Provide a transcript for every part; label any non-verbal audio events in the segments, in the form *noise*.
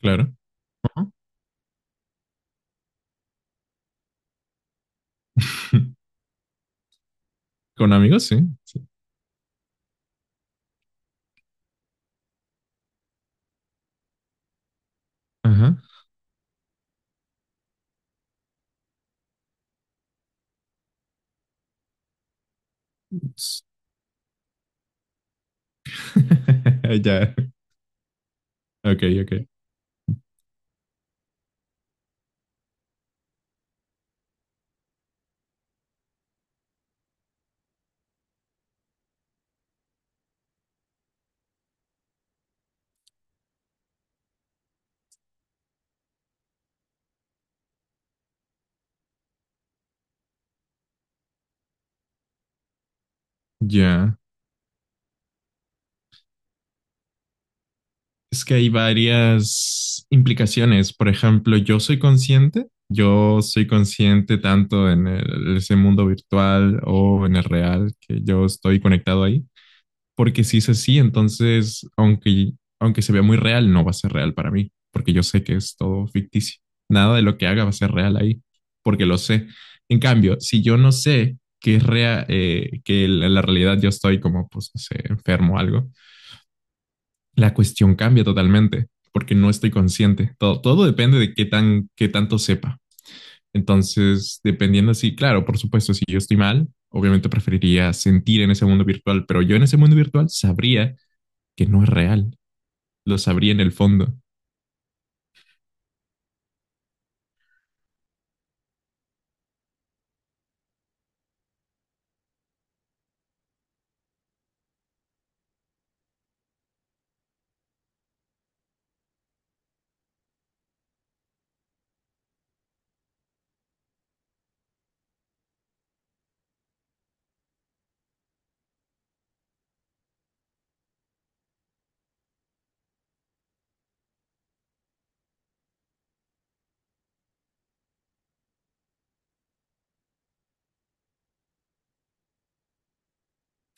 Claro. Ajá. *laughs* Con amigos, sí. Sí. Ajá. S- *laughs* Ya. Ok, ok. Ya. Es que hay varias implicaciones. Por ejemplo, yo soy consciente. Yo soy consciente tanto en ese mundo virtual o en el real que yo estoy conectado ahí. Porque si es así, entonces, aunque se vea muy real, no va a ser real para mí, porque yo sé que es todo ficticio. Nada de lo que haga va a ser real ahí, porque lo sé. En cambio, si yo no sé que es real, que en la realidad yo estoy como, pues, no sé, enfermo o algo, la cuestión cambia totalmente, porque no estoy consciente. Todo depende de qué tanto sepa. Entonces, dependiendo así, claro, por supuesto, si yo estoy mal, obviamente preferiría sentir en ese mundo virtual, pero yo en ese mundo virtual sabría que no es real. Lo sabría en el fondo.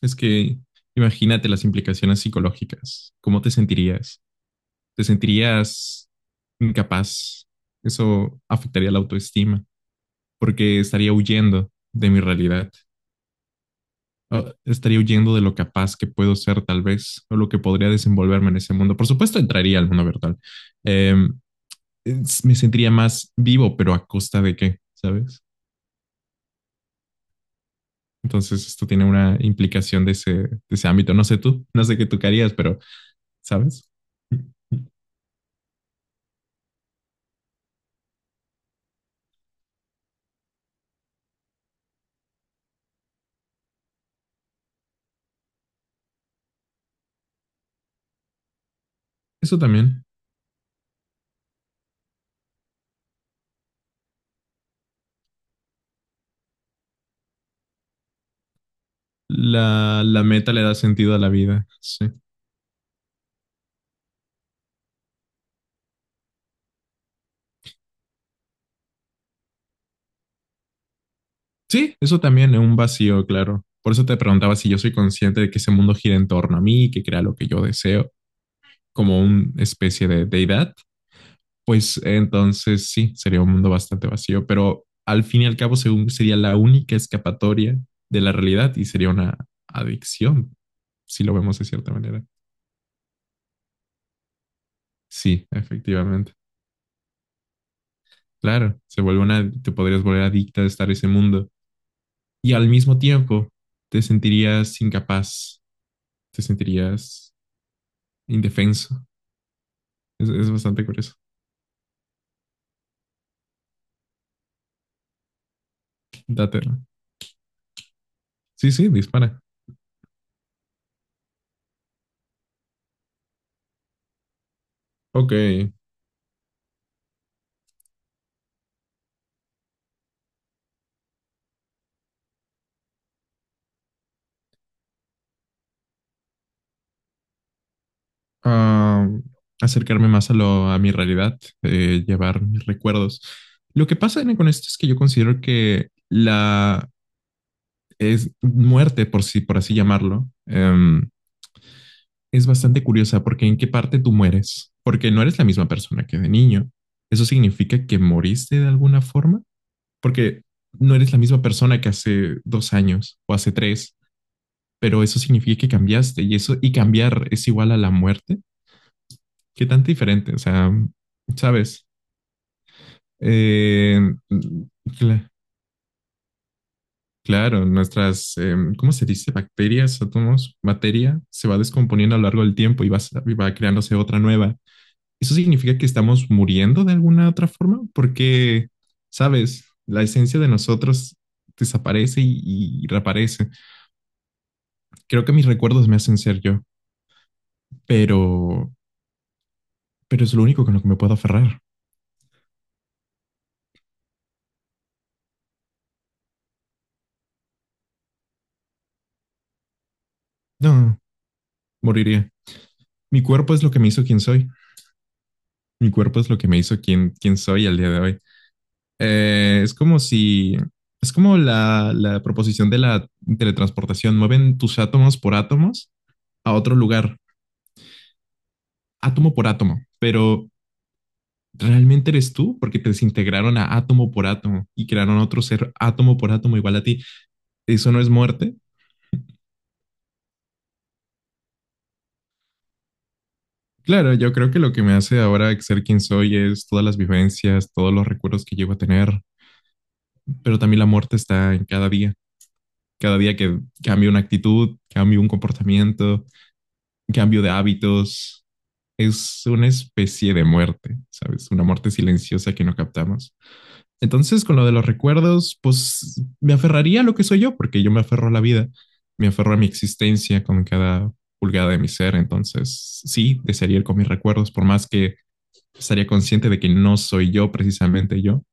Es que imagínate las implicaciones psicológicas. ¿Cómo te sentirías? ¿Te sentirías incapaz? Eso afectaría la autoestima porque estaría huyendo de mi realidad. O estaría huyendo de lo capaz que puedo ser tal vez o lo que podría desenvolverme en ese mundo. Por supuesto, entraría al mundo virtual. Em, me sentiría más vivo, pero a costa de qué, ¿sabes? Entonces, esto tiene una implicación de ese ámbito. No sé tú, no sé qué tú querías, pero ¿sabes? Eso también. La meta le da sentido a la vida. Sí. Sí, eso también es un vacío, claro. Por eso te preguntaba si yo soy consciente de que ese mundo gira en torno a mí, que crea lo que yo deseo, como una especie de deidad. Pues entonces sí, sería un mundo bastante vacío, pero al fin y al cabo según sería la única escapatoria de la realidad y sería una adicción, si lo vemos de cierta manera. Sí, efectivamente. Claro, se vuelve una, te podrías volver adicta de estar en ese mundo. Y al mismo tiempo te sentirías incapaz, te sentirías indefenso. Es bastante curioso. Date. ¿No? Sí, sí, dispara. Ok. ah, acercarme más a mi realidad, llevar mis recuerdos. Lo que pasa, Ene, con esto es que yo considero que la es muerte, por así llamarlo, es bastante curiosa porque en qué parte tú mueres, porque no eres la misma persona que de niño. ¿Eso significa que moriste de alguna forma? Porque no eres la misma persona que hace 2 años o hace tres, pero eso significa que cambiaste y eso y cambiar es igual a la muerte. ¿Qué tan diferente? O sea, sabes, Eh, cla- claro, nuestras, ¿cómo se dice? Bacterias, átomos, materia se va descomponiendo a lo largo del tiempo y va creándose otra nueva. Eso significa que estamos muriendo de alguna otra forma, porque, sabes, la esencia de nosotros desaparece y reaparece. Creo que mis recuerdos me hacen ser yo, pero, pero es lo único con lo que me puedo aferrar. No, moriría. Mi cuerpo es lo que me hizo quien soy. Mi cuerpo es lo que me hizo quien soy al día de hoy. Es como si, es como la proposición de la teletransportación. Mueven tus átomos por átomos a otro lugar, átomo por átomo, pero ¿realmente eres tú? Porque te desintegraron a átomo por átomo y crearon otro ser átomo por átomo igual a ti. ¿Eso no es muerte? Claro, yo creo que lo que me hace ahora ser quien soy es todas las vivencias, todos los recuerdos que llevo a tener, pero también la muerte está en cada día. Cada día que cambio una actitud, cambio un comportamiento, cambio de hábitos, es una especie de muerte, ¿sabes? Una muerte silenciosa que no captamos. Entonces, con lo de los recuerdos, pues me aferraría a lo que soy yo, porque yo me aferro a la vida, me aferro a mi existencia con cada pulgada de mi ser. Entonces, sí, desearía ir con mis recuerdos, por más que estaría consciente de que no soy yo precisamente yo,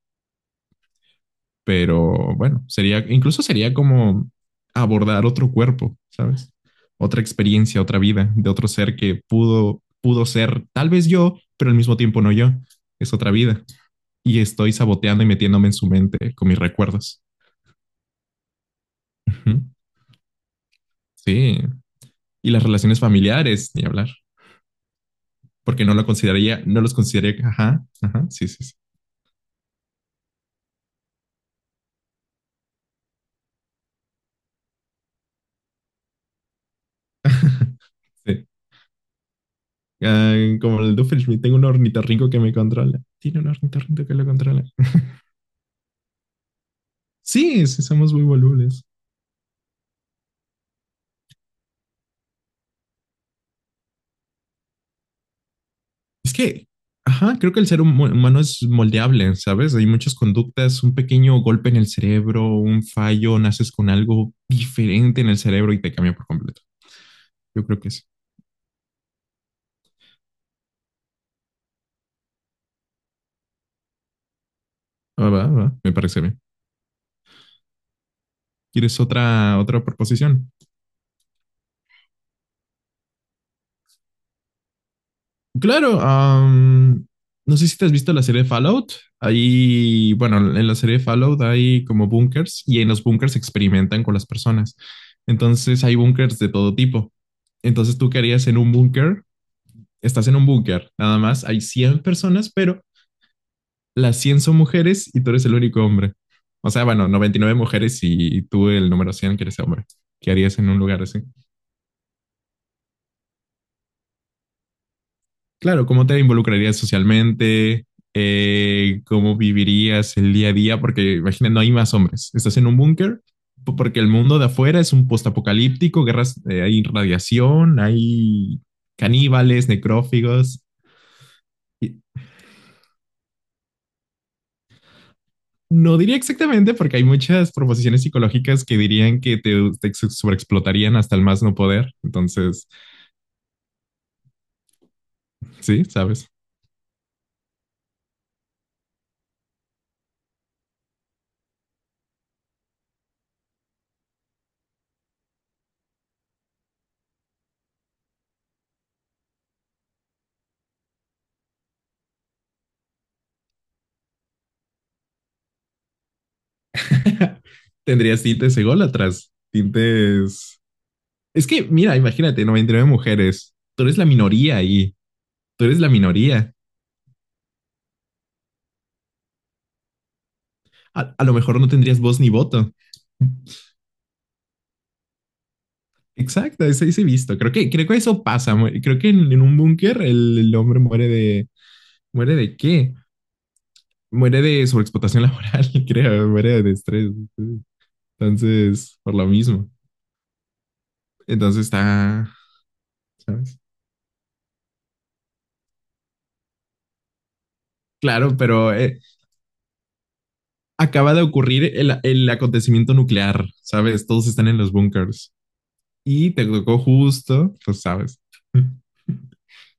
pero bueno, sería, incluso sería como abordar otro cuerpo, ¿sabes? Otra experiencia, otra vida de otro ser que pudo ser tal vez yo, pero al mismo tiempo no yo. Es otra vida. Y estoy saboteando y metiéndome en su mente con mis recuerdos. Ujú. Sí. Y las relaciones familiares, ni hablar, porque no lo consideraría, no los consideraría, ajá, ajá, sí, sí, sí. *laughs* Sí. Ah, como el Doofenshmirtz, tengo un ornitorrinco que me controla. Tiene un ornitorrinco que lo controla. Sí, sí, somos muy volubles. Es que, ajá, creo que el ser humano es moldeable, ¿sabes? Hay muchas conductas, un pequeño golpe en el cerebro, un fallo, naces con algo diferente en el cerebro y te cambia por completo. Yo creo que sí. Ah, va, va, me parece bien. ¿Quieres otra proposición? Claro, no sé si te has visto la serie Fallout. Ahí, bueno, en la serie Fallout hay como búnkers y en los búnkers experimentan con las personas. Entonces hay búnkers de todo tipo. Entonces tú qué harías en un búnker, estás en un búnker, nada más, hay 100 personas, pero las 100 son mujeres y tú eres el único hombre. O sea, bueno, 99 mujeres y tú el número 100 que eres hombre. ¿Qué harías en un lugar así? Claro, ¿cómo te involucrarías socialmente? ¿Cómo vivirías el día a día? Porque imagina, no hay más hombres. Estás en un búnker porque el mundo de afuera es un postapocalíptico, guerras, hay radiación, hay caníbales, necrófagos. Y no diría exactamente porque hay muchas proposiciones psicológicas que dirían que te sobreexplotarían hasta el más no poder. Entonces, sí, sabes. *laughs* Tendrías tintes ególatras, tintes. Es que, mira, imagínate, 99 mujeres. Tú eres la minoría ahí. Tú eres la minoría. A lo mejor no tendrías voz ni voto. Exacto, eso hice visto. Creo que eso pasa. Creo que en un búnker el hombre muere de... ¿Muere de qué? Muere de sobreexplotación *laughs* laboral, creo. Muere de estrés. Entonces, por lo mismo. Entonces está... ¿sabes? Claro, pero acaba de ocurrir el acontecimiento nuclear, ¿sabes? Todos están en los búnkers. Y te tocó justo, pues sabes.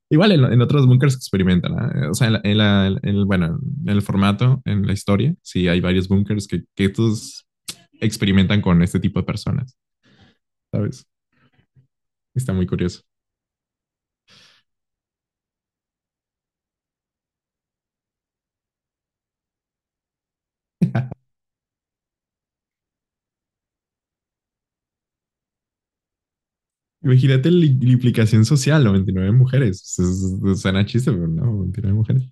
Igual en otros bunkers experimentan, ¿ah? O sea, en el, bueno, en el formato, en la historia, sí hay varios bunkers que estos experimentan con este tipo de personas, ¿sabes? Está muy curioso. Imagínate la implicación social, 99 mujeres. Suena chiste, pero no, 29 mujeres.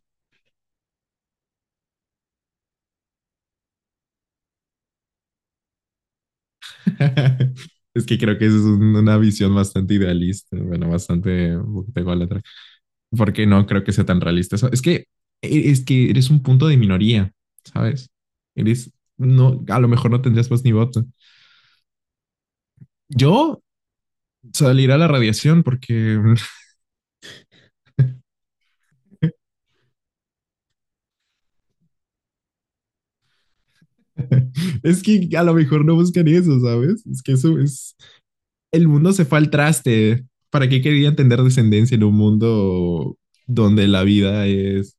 *laughs* Es que creo que esa es una visión bastante idealista, bueno, bastante, un poquito ególatra. Porque no creo que sea tan realista eso. Es que, es que eres un punto de minoría, ¿sabes? Eres, no, a lo mejor no tendrías voz ni voto. Yo salir a la radiación porque *laughs* es que a lo mejor no buscan eso, ¿sabes? Es que eso es, el mundo se fue al traste. ¿Para qué querían tener descendencia en un mundo donde la vida es?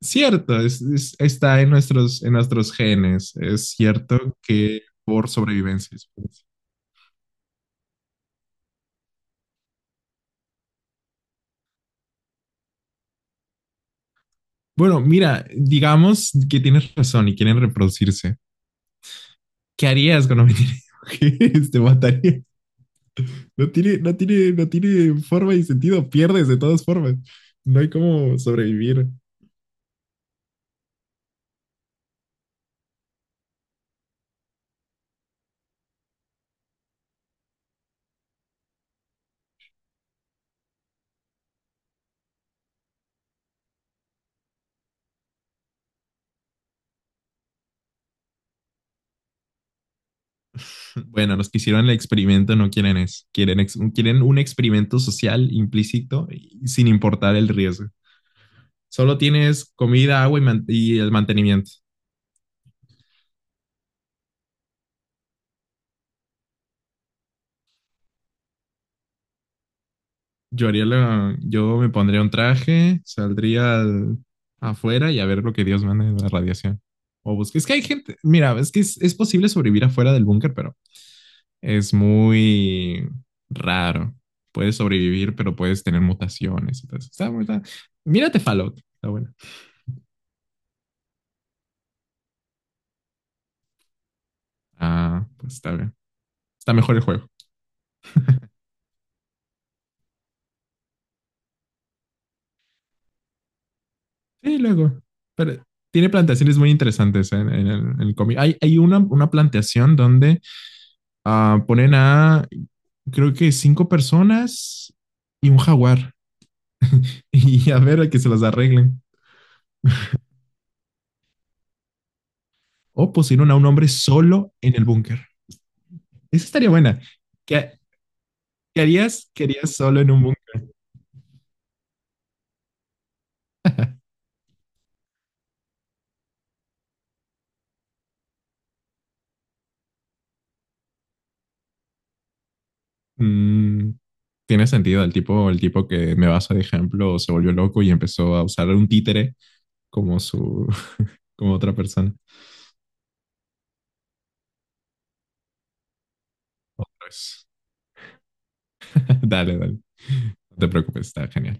Cierto. Está en nuestros genes. Es cierto que por sobrevivencia. Bueno, mira, digamos que tienes razón y quieren reproducirse. ¿Qué harías cuando me tiene *laughs* mujeres? Te mataría. No tiene forma y sentido. Pierdes de todas formas. No hay cómo sobrevivir. Bueno, los que hicieron el experimento no quieren eso. Quieren un experimento social implícito y sin importar el riesgo. Solo tienes comida, agua y el mantenimiento. Yo me pondría un traje, saldría afuera y a ver lo que Dios manda de la radiación. O busque. Es que hay gente, mira, es que es posible sobrevivir afuera del búnker, pero es muy raro. Puedes sobrevivir, pero puedes tener mutaciones. Entonces, mírate Fallout, está bueno. Ah, pues está bien. Está mejor el juego. Sí, luego. Pero tiene plantaciones muy interesantes en el cómic. Hay una plantación donde ponen a creo que cinco personas y un jaguar. *laughs* Y a ver a que se las arreglen. O pusieron a un hombre solo en el búnker. Esa estaría buena. ¿Qué, qué harías? ¿Qué harías solo en un búnker? Mm, tiene sentido. El tipo que me basa de ejemplo se volvió loco y empezó a usar un títere como su, *laughs* como otra persona. Otra vez. *laughs* Dale, dale. No te preocupes, está genial.